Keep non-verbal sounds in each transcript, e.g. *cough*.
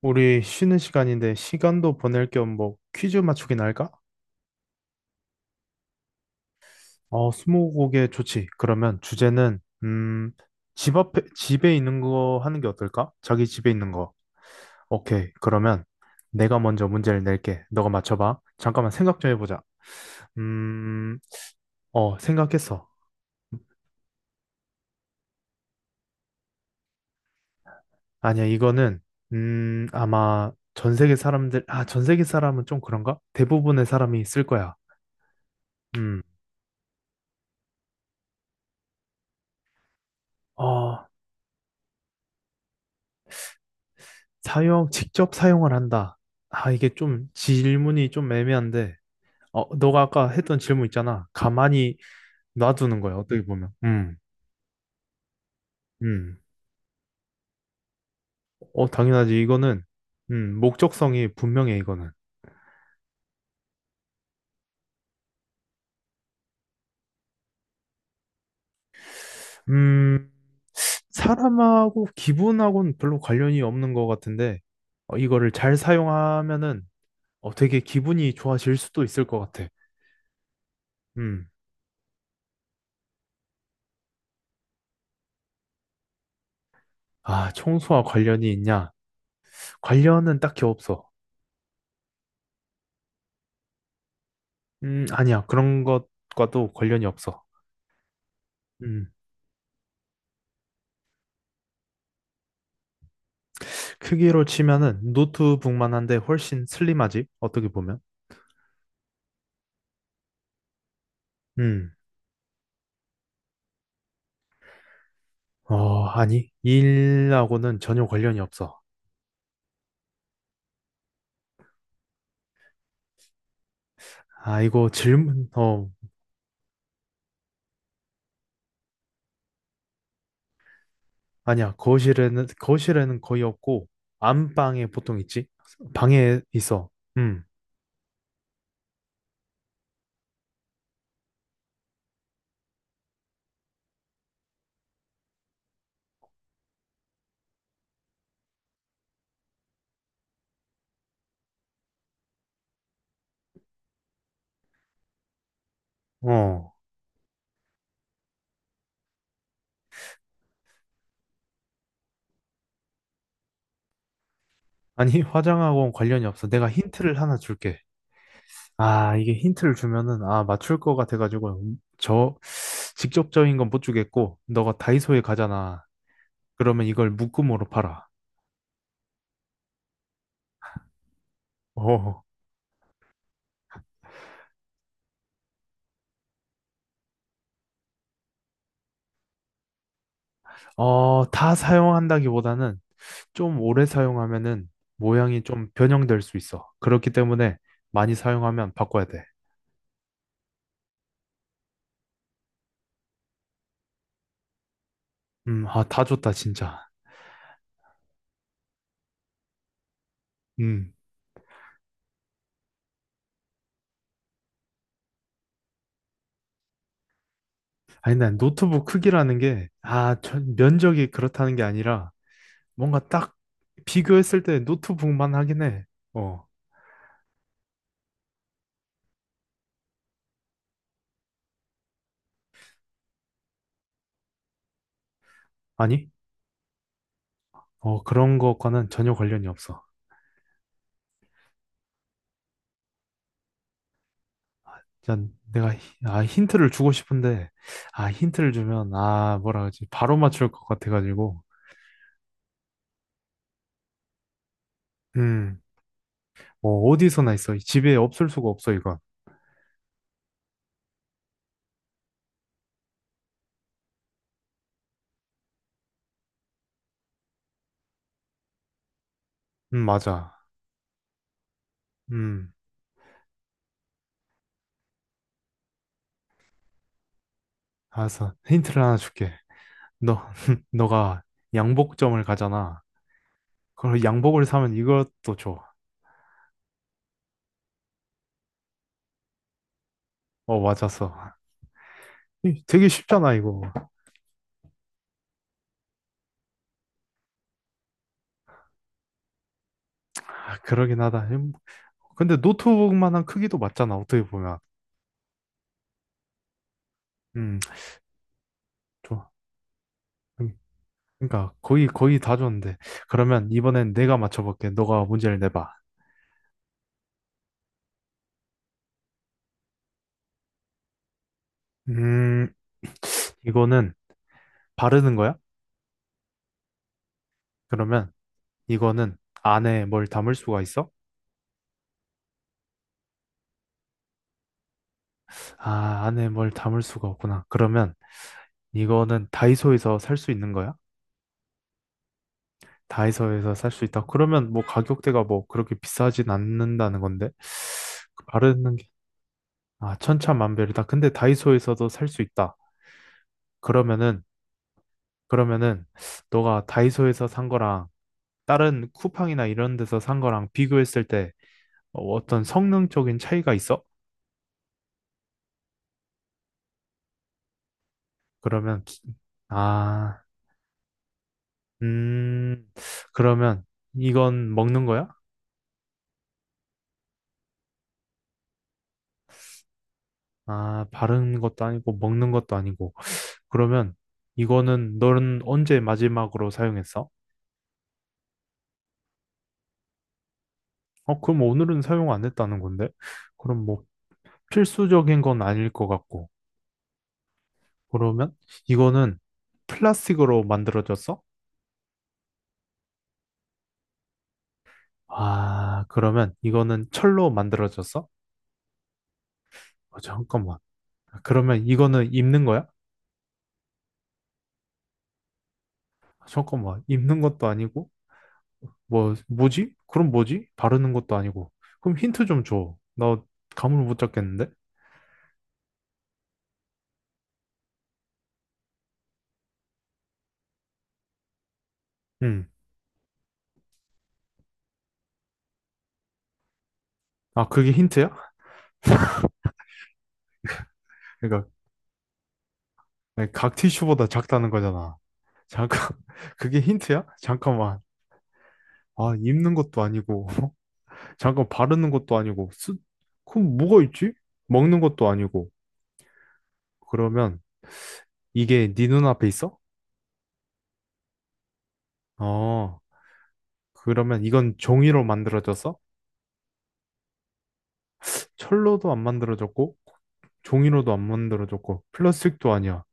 우리 쉬는 시간인데 시간도 보낼 겸 뭐 퀴즈 맞추기나 할까? 어, 스무고개 좋지. 그러면 주제는 집 앞에 집에 있는 거 하는 게 어떨까? 자기 집에 있는 거. 오케이. 그러면 내가 먼저 문제를 낼게. 너가 맞춰봐. 잠깐만 생각 좀 해보자. 음, 생각했어. 아니야, 이거는 아마 전 세계 사람들, 아, 전 세계 사람은 좀 그런가? 대부분의 사람이 쓸 거야. 음, 어, 직접 사용을 한다. 이게 좀 질문이 좀 애매한데, 너가 아까 했던 질문 있잖아. 가만히 놔두는 거야, 어떻게 보면. 음. 어, 당연하지. 이거는, 목적성이 분명해, 이거는. 음, 사람하고 기분하고는 별로 관련이 없는 것 같은데, 이거를 잘 사용하면은, 되게 기분이 좋아질 수도 있을 것 같아. 음. 아, 청소와 관련이 있냐? 관련은 딱히 없어. 아니야. 그런 것과도 관련이 없어. 음, 크기로 치면은 노트북만 한데 훨씬 슬림하지? 어떻게 보면. 음, 아니. 일하고는 전혀 관련이 없어. 아, 이거 질문, 아니야. 거실에는 거의 없고, 안방에 보통 있지? 방에 있어. 음, 어. 아니, *laughs* 화장하고는 관련이 없어. 내가 힌트를 하나 줄게. 이게 힌트를 주면은, 맞출 것 같아가지고, 직접적인 건 못 주겠고, 너가 다이소에 가잖아. 그러면 이걸 묶음으로 팔아. 어, 다 사용한다기보다는 좀 오래 사용하면은 모양이 좀 변형될 수 있어. 그렇기 때문에 많이 사용하면 바꿔야 돼. 다 좋다, 진짜. 음. 아니, 난 노트북 크기라는 게, 면적이 그렇다는 게 아니라, 뭔가 딱 비교했을 때 노트북만 하긴 해. 어, 아니? 그런 것과는 전혀 관련이 없어. 난 내가 힌트를 주고 싶은데 힌트를 주면 뭐라 그러지 바로 맞출 것 같아가지고 음 뭐 어디서나 있어 이 집에 없을 수가 없어 이건 맞아 음 알았어 힌트를 하나 줄게 너 *laughs* 너가 양복점을 가잖아 그럼 양복을 사면 이것도 줘어 맞았어 이 되게 쉽잖아 이거 그러긴 하다 근데 노트북만한 크기도 맞잖아 어떻게 보면 음 좋아 음. 그러니까 거의 거의 다 줬는데 그러면 이번엔 내가 맞춰볼게. 너가 문제를 내봐. 음, 이거는 바르는 거야? 그러면 이거는 안에 뭘 담을 수가 있어? 아, 안에 뭘 담을 수가 없구나. 그러면 이거는 다이소에서 살 수 있는 거야? 다이소에서 살 수 있다. 그러면 뭐 가격대가 뭐 그렇게 비싸진 않는다는 건데 바르는 게 아, 천차만별이다. 근데 다이소에서도 살 수 있다. 그러면은 그러면은 너가 다이소에서 산 거랑 다른 쿠팡이나 이런 데서 산 거랑 비교했을 때 어떤 성능적인 차이가 있어? 그러면 기- 아, 음, 그러면 이건 먹는 거야? 아, 바르는 것도 아니고 먹는 것도 아니고. 그러면 이거는 너는 언제 마지막으로 사용했어? 그럼 오늘은 사용 안 했다는 건데. 그럼 뭐 필수적인 건 아닐 것 같고. 그러면 이거는 플라스틱으로 만들어졌어? 아, 그러면 이거는 철로 만들어졌어? 아, 잠깐만. 아, 그러면 이거는 입는 거야? 아, 잠깐만. 입는 것도 아니고, 뭐, 뭐지? 그럼 뭐지? 바르는 것도 아니고. 그럼 힌트 좀 줘. 나 감을 못 잡겠는데? 응. 아, 그게 힌트야? 그러니까, 각 티슈보다 작다는 거잖아. 잠깐, *laughs* 그게 힌트야? 잠깐만. 아, 입는 것도 아니고, *laughs* 잠깐 바르는 것도 아니고, 쓰... 그럼 뭐가 있지? 먹는 것도 아니고. 그러면 이게 네 눈앞에 있어? 어, 그러면 이건 종이로 만들어졌어? 철로도 안 만들어졌고 종이로도 안 만들어졌고 플라스틱도 아니야.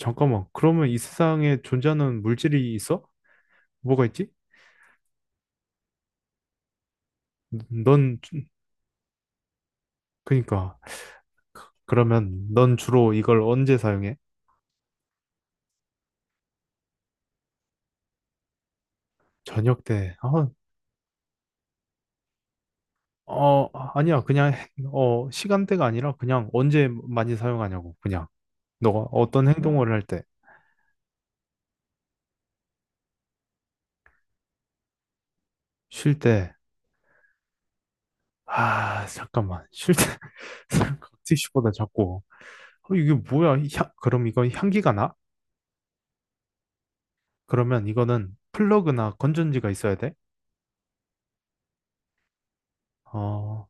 잠깐만, 그러면 이 세상에 존재하는 물질이 있어? 뭐가 있지? 넌 그니까 그러면 넌 주로 이걸 언제 사용해? 저녁 때. 어, 아니야. 그냥 시간대가 아니라 그냥 언제 많이 사용하냐고. 그냥 너가 어떤 행동을 할 때, 쉴 때. 아, 잠깐만. 쉴 때. *laughs* 티슈보다 작고. 이게 뭐야? 그럼 이거 향기가 나? 그러면 이거는 플러그나 건전지가 있어야 돼? 어,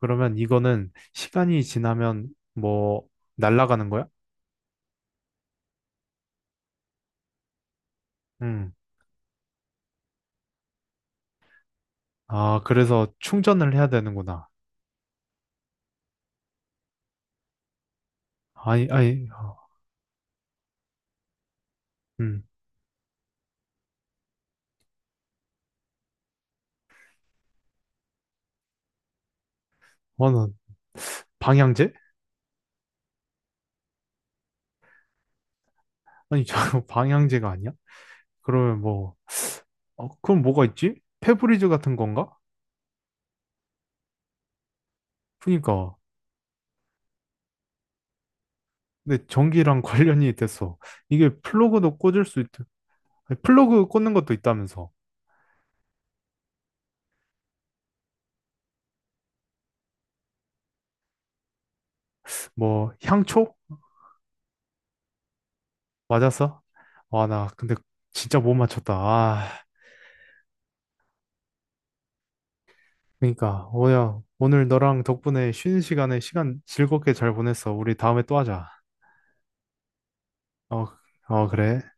그러면 이거는 시간이 지나면 뭐 날아가는 거야? 음. 아, 그래서 충전을 해야 되는구나. 아니, 아니, 음. 는 방향제? 아니, *laughs* 저 방향제가 아니야? 그러면 뭐, 그럼 뭐가 있지? 페브리즈 같은 건가? 그니까. 근데 전기랑 *laughs* 관련이 됐어. 이게 플러그도 꽂을 수 있, 아니, 플러그 꽂는 것도 있다면서. 뭐, 향초? 맞았어? 와, 나 근데 진짜 못 맞췄다. 그러니까 오야 오늘 너랑 덕분에 쉬는 시간에 시간 즐겁게 잘 보냈어. 우리 다음에 또 하자. 어, 어 그래.